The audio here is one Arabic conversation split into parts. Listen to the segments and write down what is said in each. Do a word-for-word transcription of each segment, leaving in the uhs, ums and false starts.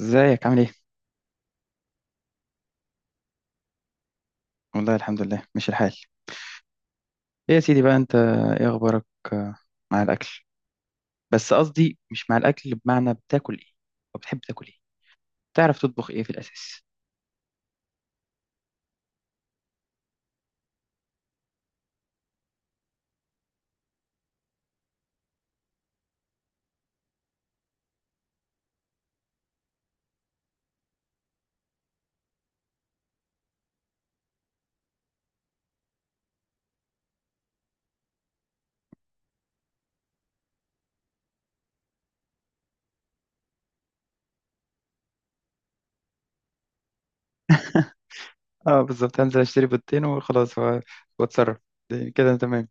ازيك عامل ايه؟ والله الحمد لله ماشي الحال. ايه يا سيدي بقى انت، ايه اخبارك؟ آه، مع الاكل. بس قصدي مش مع الاكل، بمعنى بتاكل ايه، او بتحب تاكل ايه، تعرف تطبخ ايه في الاساس؟ اه بالظبط، هنزل اشتري بيضتين وخلاص و- واتصرف. ده- كده أنا تمام.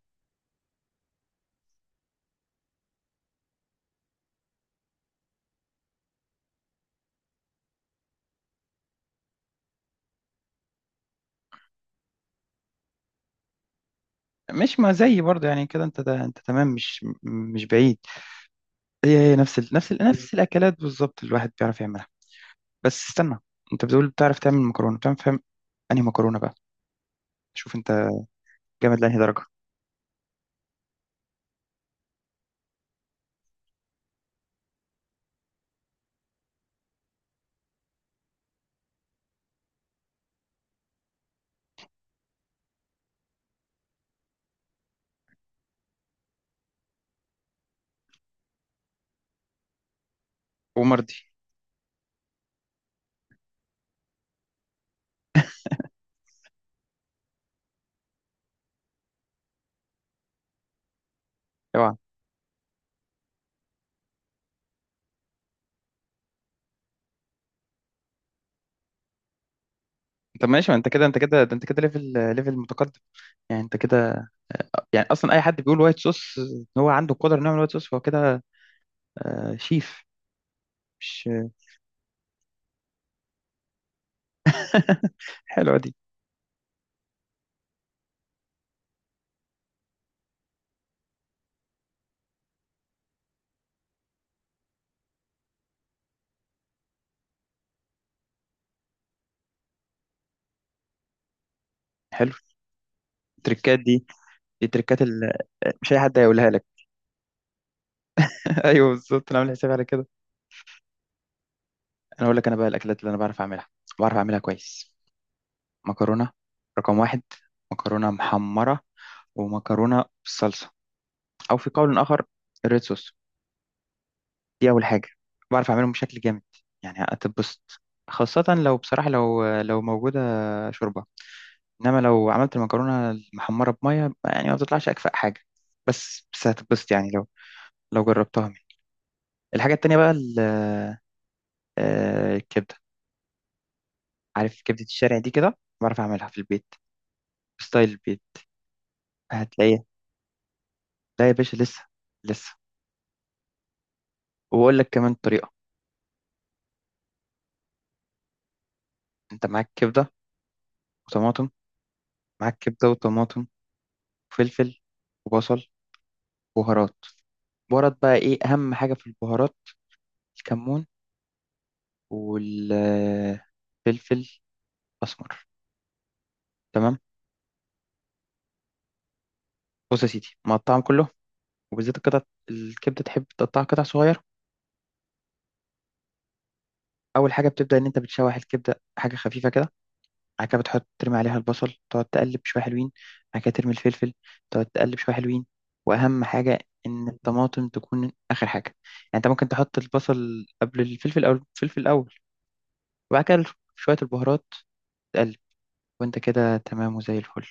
مش، ما زي برضه يعني كده، انت ده انت تمام، مش م- مش بعيد. هي هي نفس ال... نفس ال... نفس الاكلات بالظبط، الواحد بيعرف يعملها. بس استنى، انت بتقول بتعرف تعمل مكرونه، بتعرف تعمل انهي مكرونه بقى؟ شوف انت جامد لانهي درجه. ومرضي. اوعى. طب ماشي، ما انت كده انت كده، ده انت كده ليفل ليفل متقدم، يعني انت كده. يعني اصلا اي حد بيقول وايت صوص، ان هو عنده القدره انه يعمل وايت صوص، فهو كده آه شيف. مش حلوه دي! حلو، التركات دي دي التركات ال... مش اي حد هيقولها لك. ايوه بالظبط، انا عامل حسابي على كده. انا اقول لك، انا بقى الاكلات اللي انا بعرف اعملها، بعرف اعملها كويس. مكرونه، رقم واحد. مكرونه محمره، ومكرونه بالصلصه، او في قول اخر الريد صوص. دي أول حاجة بعرف أعملهم بشكل جامد، يعني هتتبسط، خاصة لو بصراحة، لو لو موجودة شوربة. إنما لو عملت المكرونة المحمرة بمية، يعني ما بتطلعش أكفأ حاجة، بس بس هتتبسط يعني، لو لو جربتها مني. الحاجة التانية بقى ال- آه، الكبدة. عارف كبدة الشارع دي؟ كده بعرف أعملها في البيت، بستايل البيت هتلاقيها. لا يا باشا، لسه لسه. وبقول لك كمان طريقة. أنت معاك كبدة وطماطم، معاك كبدة وطماطم، وفلفل وبصل، بهارات. بهارات بقى، ايه اهم حاجه في البهارات؟ الكمون، والفلفل اسمر. تمام. بص يا سيدي، مقطعهم كله، وبالذات القطع، الكبده تحب تقطعها قطع صغيره. اول حاجه بتبدا ان انت بتشوح الكبده حاجه خفيفه كده. بعد كده بتحط، ترمي عليها البصل، تقعد تقلب شويه حلوين. بعد كده ترمي الفلفل، تقعد تقلب شويه حلوين. واهم حاجه ان الطماطم تكون اخر حاجه يعني. انت ممكن تحط البصل قبل الفلفل، او الفلفل الاول، وبعد كده شويه البهارات، تقلب، وانت كده تمام وزي الفل.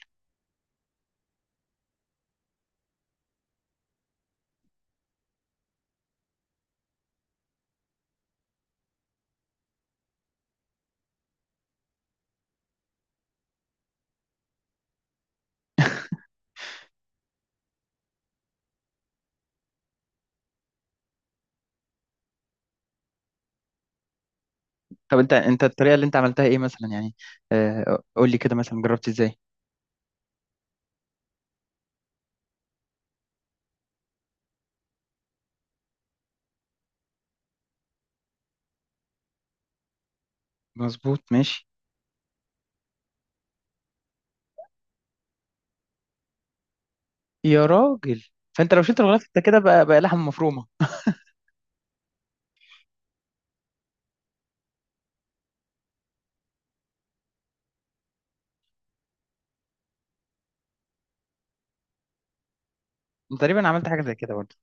طب انت، انت الطريقه اللي انت عملتها ايه مثلا يعني؟ آه، قول لي كده مثلا، جربت ازاي؟ مظبوط، ماشي. يا راجل، فانت لو شلت الغلاف، انت كده بقى، بقى لحم مفرومه. انت تقريبا عملت حاجه زي كده برضه.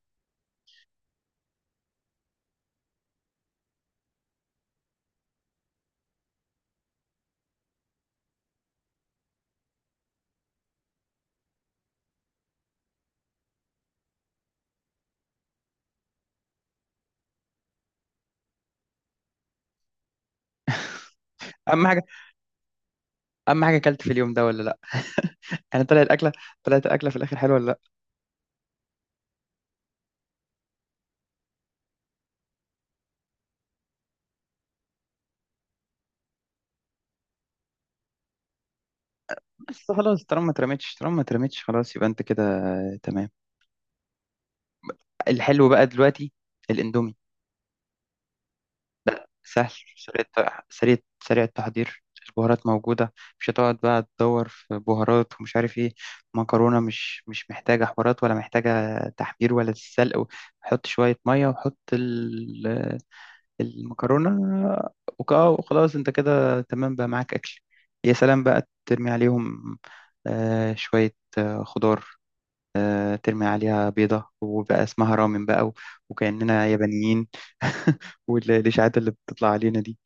اهم حاجه، اهم حاجه اكلت في اليوم ده ولا لا، يعني طلعت الاكله طلعت الاكله في الاخر حلوه ولا لا؟ بس خلاص، طالما ما اترمتش، طالما ما اترمتش خلاص، يبقى انت كده آه، تمام. الحلو بقى دلوقتي الاندومي. سهل، سريع الت- سريع سريع التحضير، البهارات موجودة، مش هتقعد بقى تدور في بهارات ومش عارف ايه. مكرونة مش مش محتاجة حوارات، ولا محتاجة تحمير، ولا تتسلق. حط شوية مية وحط ال- المكرونة، وك- آه، وخلاص، انت كده تمام بقى، معاك أكل. يا سلام بقى، ترمي عليهم آه، شوية آه، خضار، آه، ترمي عليها بيضة وبقى اسمها رامن بقى و- وكأننا يابانيين. والإشاعات اللي بتطلع علينا دي.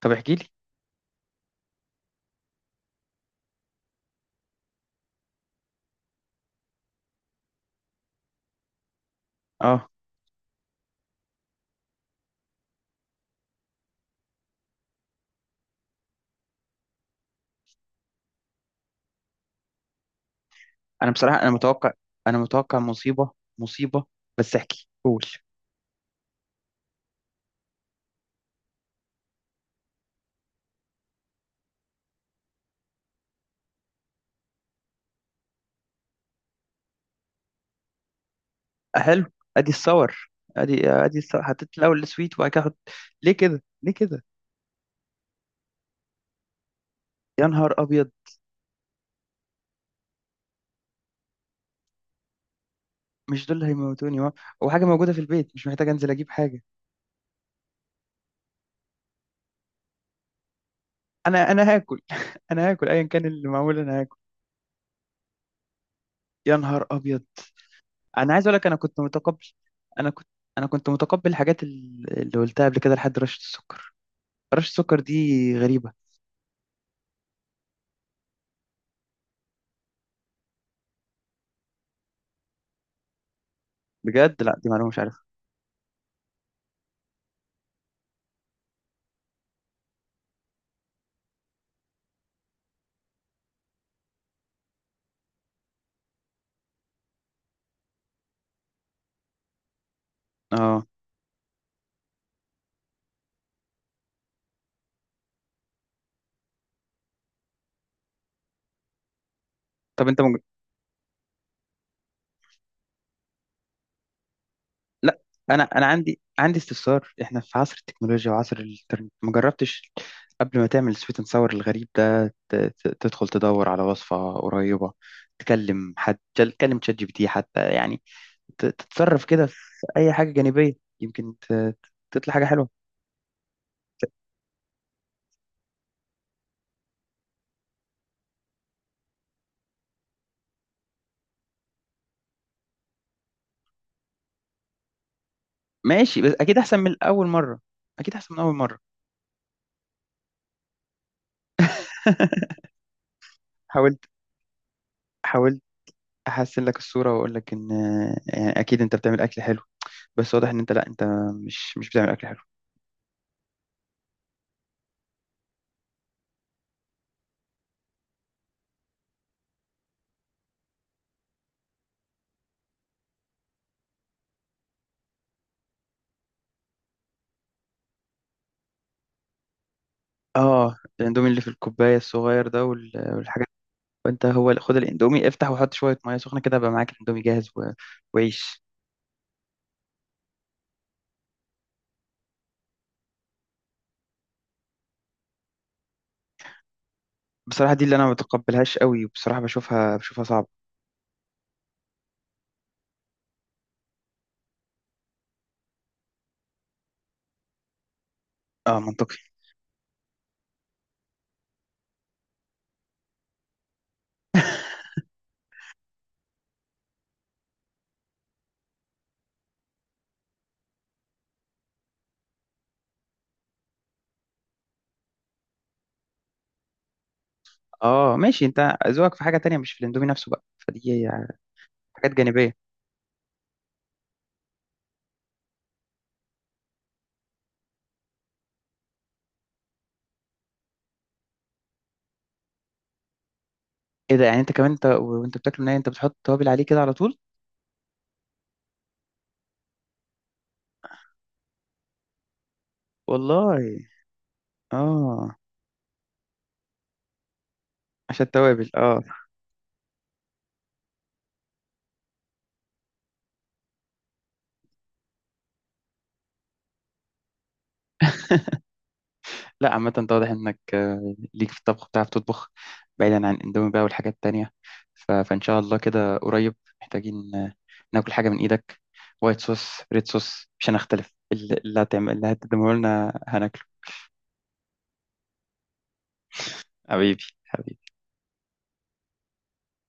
طب احكي لي. اه، انا بصراحه، انا متوقع انا متوقع مصيبه. مصيبه. بس احكي قول. حلو. ادي الصور، ادي ادي الصور. حطيت الاول السويت وبعد كده احط؟ ليه كده، ليه كده؟ يا نهار ابيض. مش دول اللي هيموتوني و- وحاجه موجوده في البيت، مش محتاج انزل اجيب حاجه. انا انا هاكل انا هاكل ايا كان اللي معمول، انا هاكل. يا نهار ابيض. انا عايز اقول لك، انا كنت متقبل، انا كنت انا كنت متقبل الحاجات ال- اللي قلتها قبل كده، لحد رشه السكر. رشه السكر دي غريبه. بجد؟ لا دي معلومه مش عارفها. اه. طب انت مج... لا، انا انا عندي عندي استفسار. احنا في عصر التكنولوجيا وعصر الانترنت، ما جربتش قبل ما تعمل سويت اند ساور الغريب ده ت... ت- تدخل تدور على وصفة قريبة، تكلم حد، تل- تكلم تشات جي بي تي حتى يعني، ت... تتصرف كده في اي حاجة جانبية، يمكن ت... ت- تطلع حاجة حلوة. ماشي، بس اكيد احسن من اول مرة، اكيد احسن من اول مرة. حاولت حاولت احسن لك الصورة، واقول لك ان يعني اكيد انت بتعمل اكل حلو، بس واضح ان انت، لا، انت مش مش بتعمل اكل حلو. اه الاندومي اللي في الكوبايه الصغير ده وال- والحاجات. انت هو، خد الاندومي، افتح وحط شويه ميه سخنه كده، بقى معاك الاندومي جاهز و... وعيش. بصراحه دي اللي انا ما بتقبلهاش قوي، وبصراحه بشوفها بشوفها صعبه. اه منطقي. اه ماشي، انت ذوقك في حاجه تانية، مش في الاندومي نفسه بقى، فدي يعني حاجات جانبيه. ايه ده، يعني انت كمان انت وانت بتاكله ناي انت بتحط توابل عليه كده على طول؟ والله. اه، عشان التوابل، اه. لا عامة، انت واضح انك آه، ليك في الطبخ، بتعرف تطبخ، بعيدا عن اندومي بقى والحاجات التانية، ف... فان شاء الله كده قريب محتاجين آه، ناكل حاجة من ايدك. وايت صوص، ريد صوص، مش هنختلف، اللي اللي هتعمل، اللي هتقدمه لنا هناكله. حبيبي حبيبي.